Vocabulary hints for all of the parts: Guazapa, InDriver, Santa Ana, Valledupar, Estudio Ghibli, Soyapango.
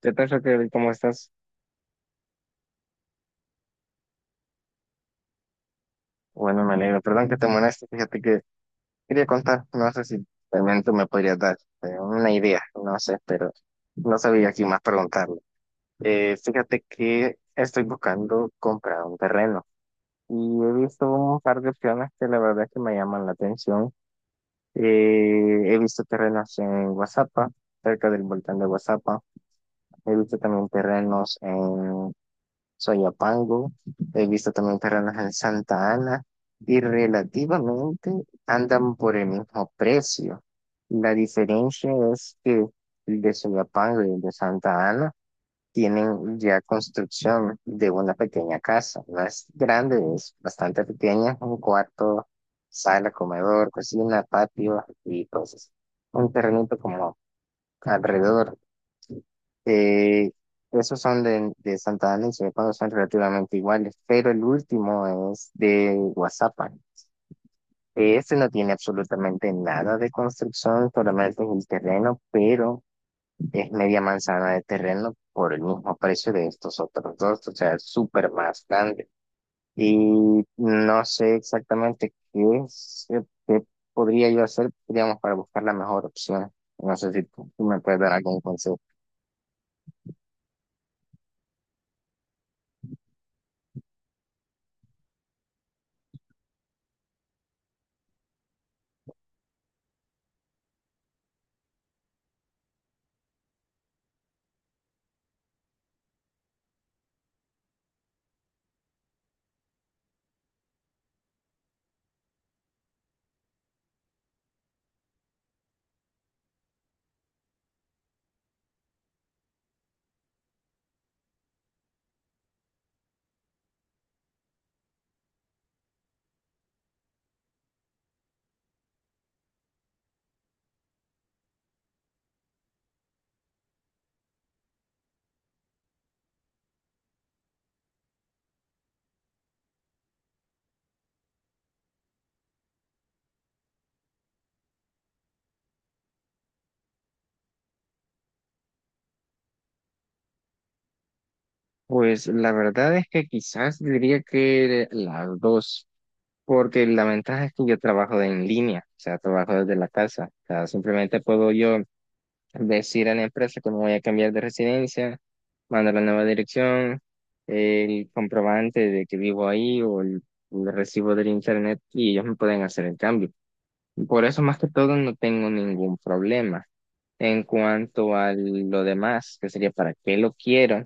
¿Qué tal, Raquel? ¿Cómo estás? Bueno, me alegro. Perdón que te moleste. Fíjate que quería contar. No sé si también tú me podrías dar una idea. No sé, pero no sabía aquí más preguntarle. Fíjate que estoy buscando comprar un terreno y he visto un par de opciones que la verdad es que me llaman la atención. Eh, he visto terrenos en Guazapa, cerca del volcán de Guazapa. He visto también terrenos Soyapango, he visto también terrenos en Santa Ana y relativamente andan por el mismo precio. La diferencia es que el de Soyapango y el de Santa Ana tienen ya construcción de una pequeña casa. No es grande, es bastante pequeña, un cuarto, sala, comedor, cocina, patio y cosas. Un terrenito como alrededor. Eh, esos son de Santa Ana y Soyapango son relativamente iguales, pero el último es de Guazapan. Este no tiene absolutamente nada de construcción, solamente es el terreno, pero es media manzana de terreno por el mismo precio de estos otros dos, o sea, es súper más grande. Y no sé exactamente qué es, qué podría yo hacer, digamos, para buscar la mejor opción. No sé si tú me puedes dar algún consejo. Pues la verdad es que quizás diría que las dos, porque la ventaja es que yo trabajo en línea, o sea, trabajo desde la casa, o sea, simplemente puedo yo decir a la empresa que me voy a cambiar de residencia, mandar la nueva dirección, el comprobante de que vivo ahí o el recibo del internet y ellos me pueden hacer el cambio. Por eso más que todo no tengo ningún problema. En cuanto a lo demás, que sería para qué lo quiero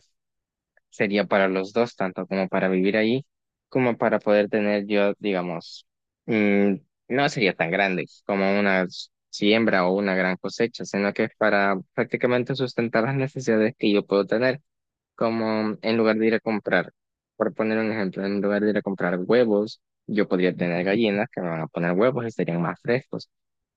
sería para los dos, tanto como para vivir ahí, como para poder tener yo, digamos, mm, no sería tan grande como una siembra o una gran cosecha, sino que es para prácticamente sustentar las necesidades que yo puedo tener, como en lugar de ir a comprar, por poner un ejemplo, en lugar de ir a comprar huevos, yo podría tener gallinas que me van a poner huevos y serían más frescos.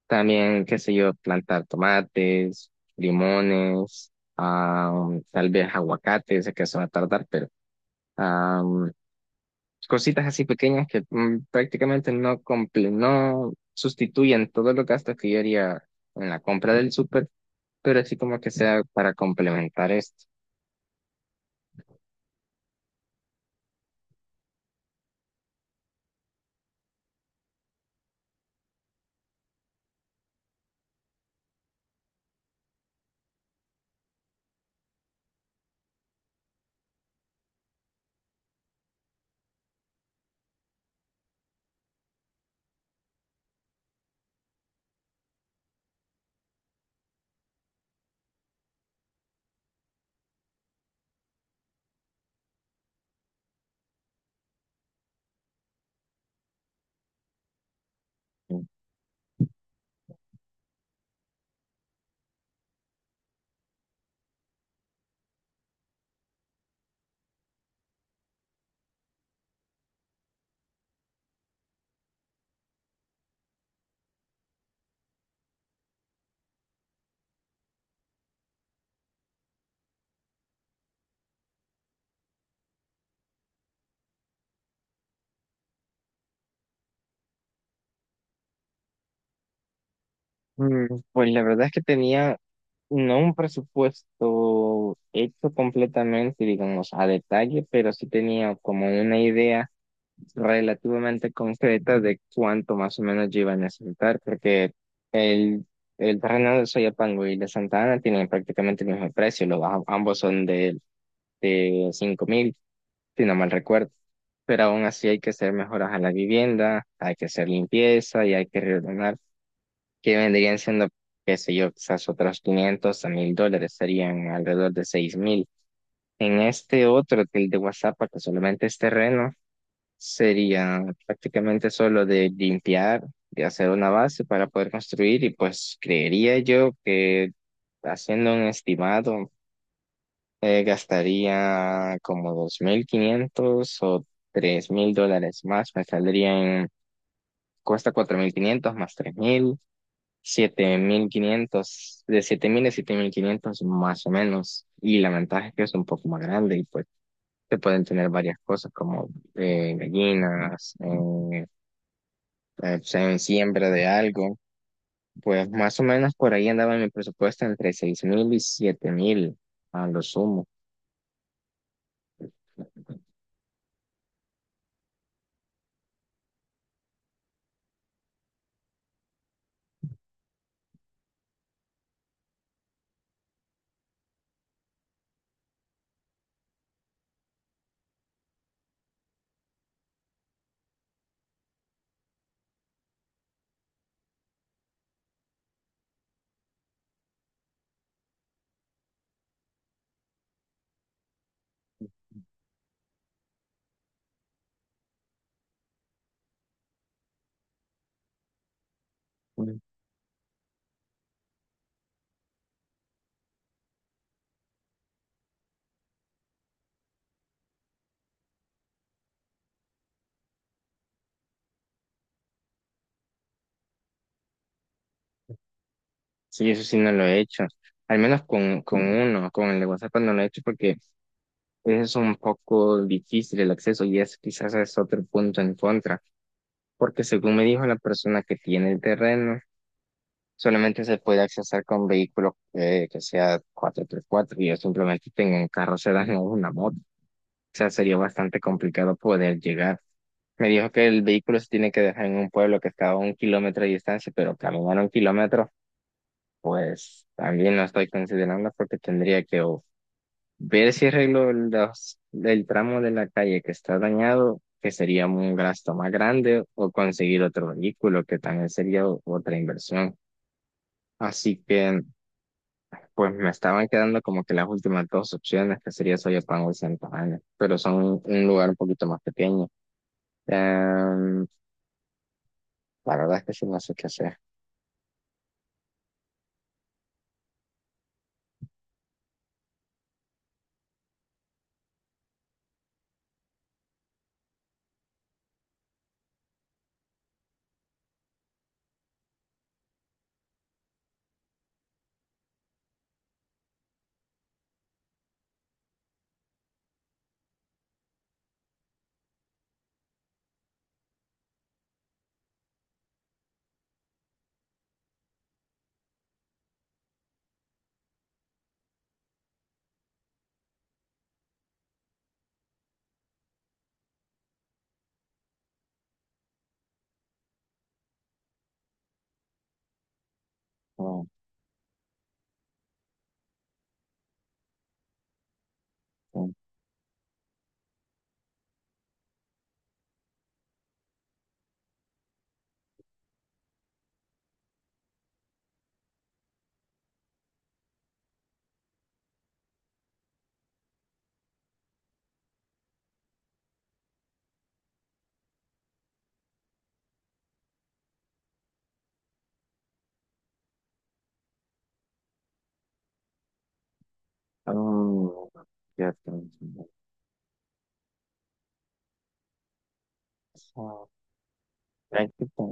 También, qué sé yo, plantar tomates, limones, ah, tal vez aguacates, sé que eso va a tardar, pero am, cositas así pequeñas que prácticamente no, no sustituyen todos los gastos que yo haría en la compra del súper, pero así como que sea para complementar esto. Mm, Pues la verdad es que tenía no un presupuesto hecho completamente, digamos, a detalle, pero sí tenía como una idea relativamente concretas de cuánto más o menos yo iba a necesitar, porque el, el terreno de Soyapango y de Santa Ana tienen prácticamente el mismo precio, los, ambos son de 5.000, si no mal recuerdo. Pero aún así hay que hacer mejoras a la vivienda, hay que hacer limpieza y hay que reordenar, que vendrían siendo, qué sé yo, quizás otros 500 a 1.000 dólares, serían alrededor de 6.000. En este otro, que el de WhatsApp, que solamente es terreno, sería prácticamente solo de limpiar, de hacer una base para poder construir y pues creería yo que haciendo un estimado gastaría como 2.500 o 3.000 dólares más, me saldrían, cuesta 4.500 más 3.000 7.500 de 7.000 a 7.500 más o menos. Y la ventaja es que es un poco más grande y pues se pueden tener varias cosas como gallinas, pues, en siembra de algo. Pues más o menos por ahí andaba mi presupuesto entre 6.000 y 7.000 a lo sumo. Mm. Sí, eso sí no lo he hecho. Al menos con uno, con el de WhatsApp no lo he hecho porque es un poco difícil el acceso y es quizás es otro punto en contra. Porque según me dijo la persona que tiene el terreno, solamente se puede accesar con vehículos que sea cuatro x 4 y yo simplemente tengo un carro sedán o una moto. O sea, sería bastante complicado poder llegar. Me dijo que el vehículo se tiene que dejar en un pueblo que está a 1 km de distancia, pero caminar 1 km, pues también lo estoy considerando porque tendría que o ver si arreglo el tramo de la calle que está dañado, que sería un gasto más grande, o conseguir otro vehículo, que también sería otra inversión. Así que, pues me estaban quedando como que las últimas dos opciones, que sería Soyapango y Santa Ana, pero son un lugar un poquito más pequeño. Em, la verdad es que sí no sé qué hacer. No. Oh, ya te entiendo. O sea, práctica-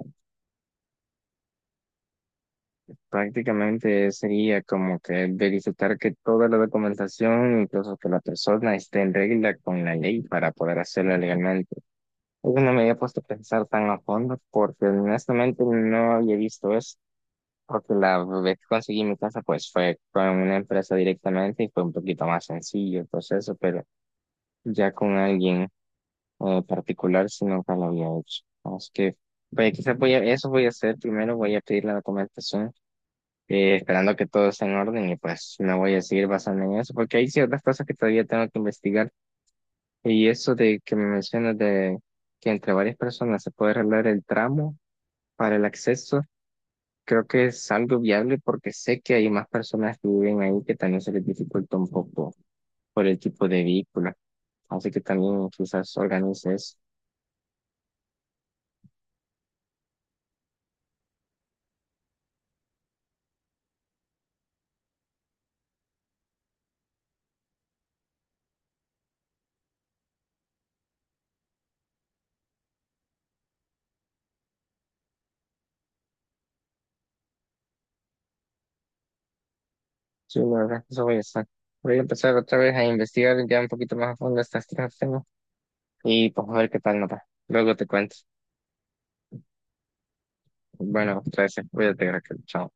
prácticamente sería como que verificar que toda la documentación, incluso que la persona esté en regla con la ley para poder hacerlo legalmente. Yo no me había puesto a pensar tan a fondo porque honestamente no había visto eso. Porque la vez que conseguí mi casa, pues fue con una empresa directamente y fue un poquito más sencillo el proceso, pero ya con alguien. Particular, si nunca lo había hecho. Así que, vaya, quizás voy a, eso voy a hacer primero, voy a pedir la documentación, esperando que todo esté en orden y pues me voy a seguir basando en eso, porque hay ciertas cosas que todavía tengo que investigar y eso de que me mencionas de que entre varias personas se puede arreglar el tramo para el acceso. Creo que es algo viable porque sé que hay más personas que viven ahí que también se les dificulta un poco por el tipo de vehículo. Así que también quizás organices. Sí, la verdad eso voy a estar. Voy a empezar otra vez a investigar ya un poquito más a fondo estas tres tengo y pues a ver qué tal nota. Luego te cuento. Bueno, 13. Cuídate, Raquel. Chao.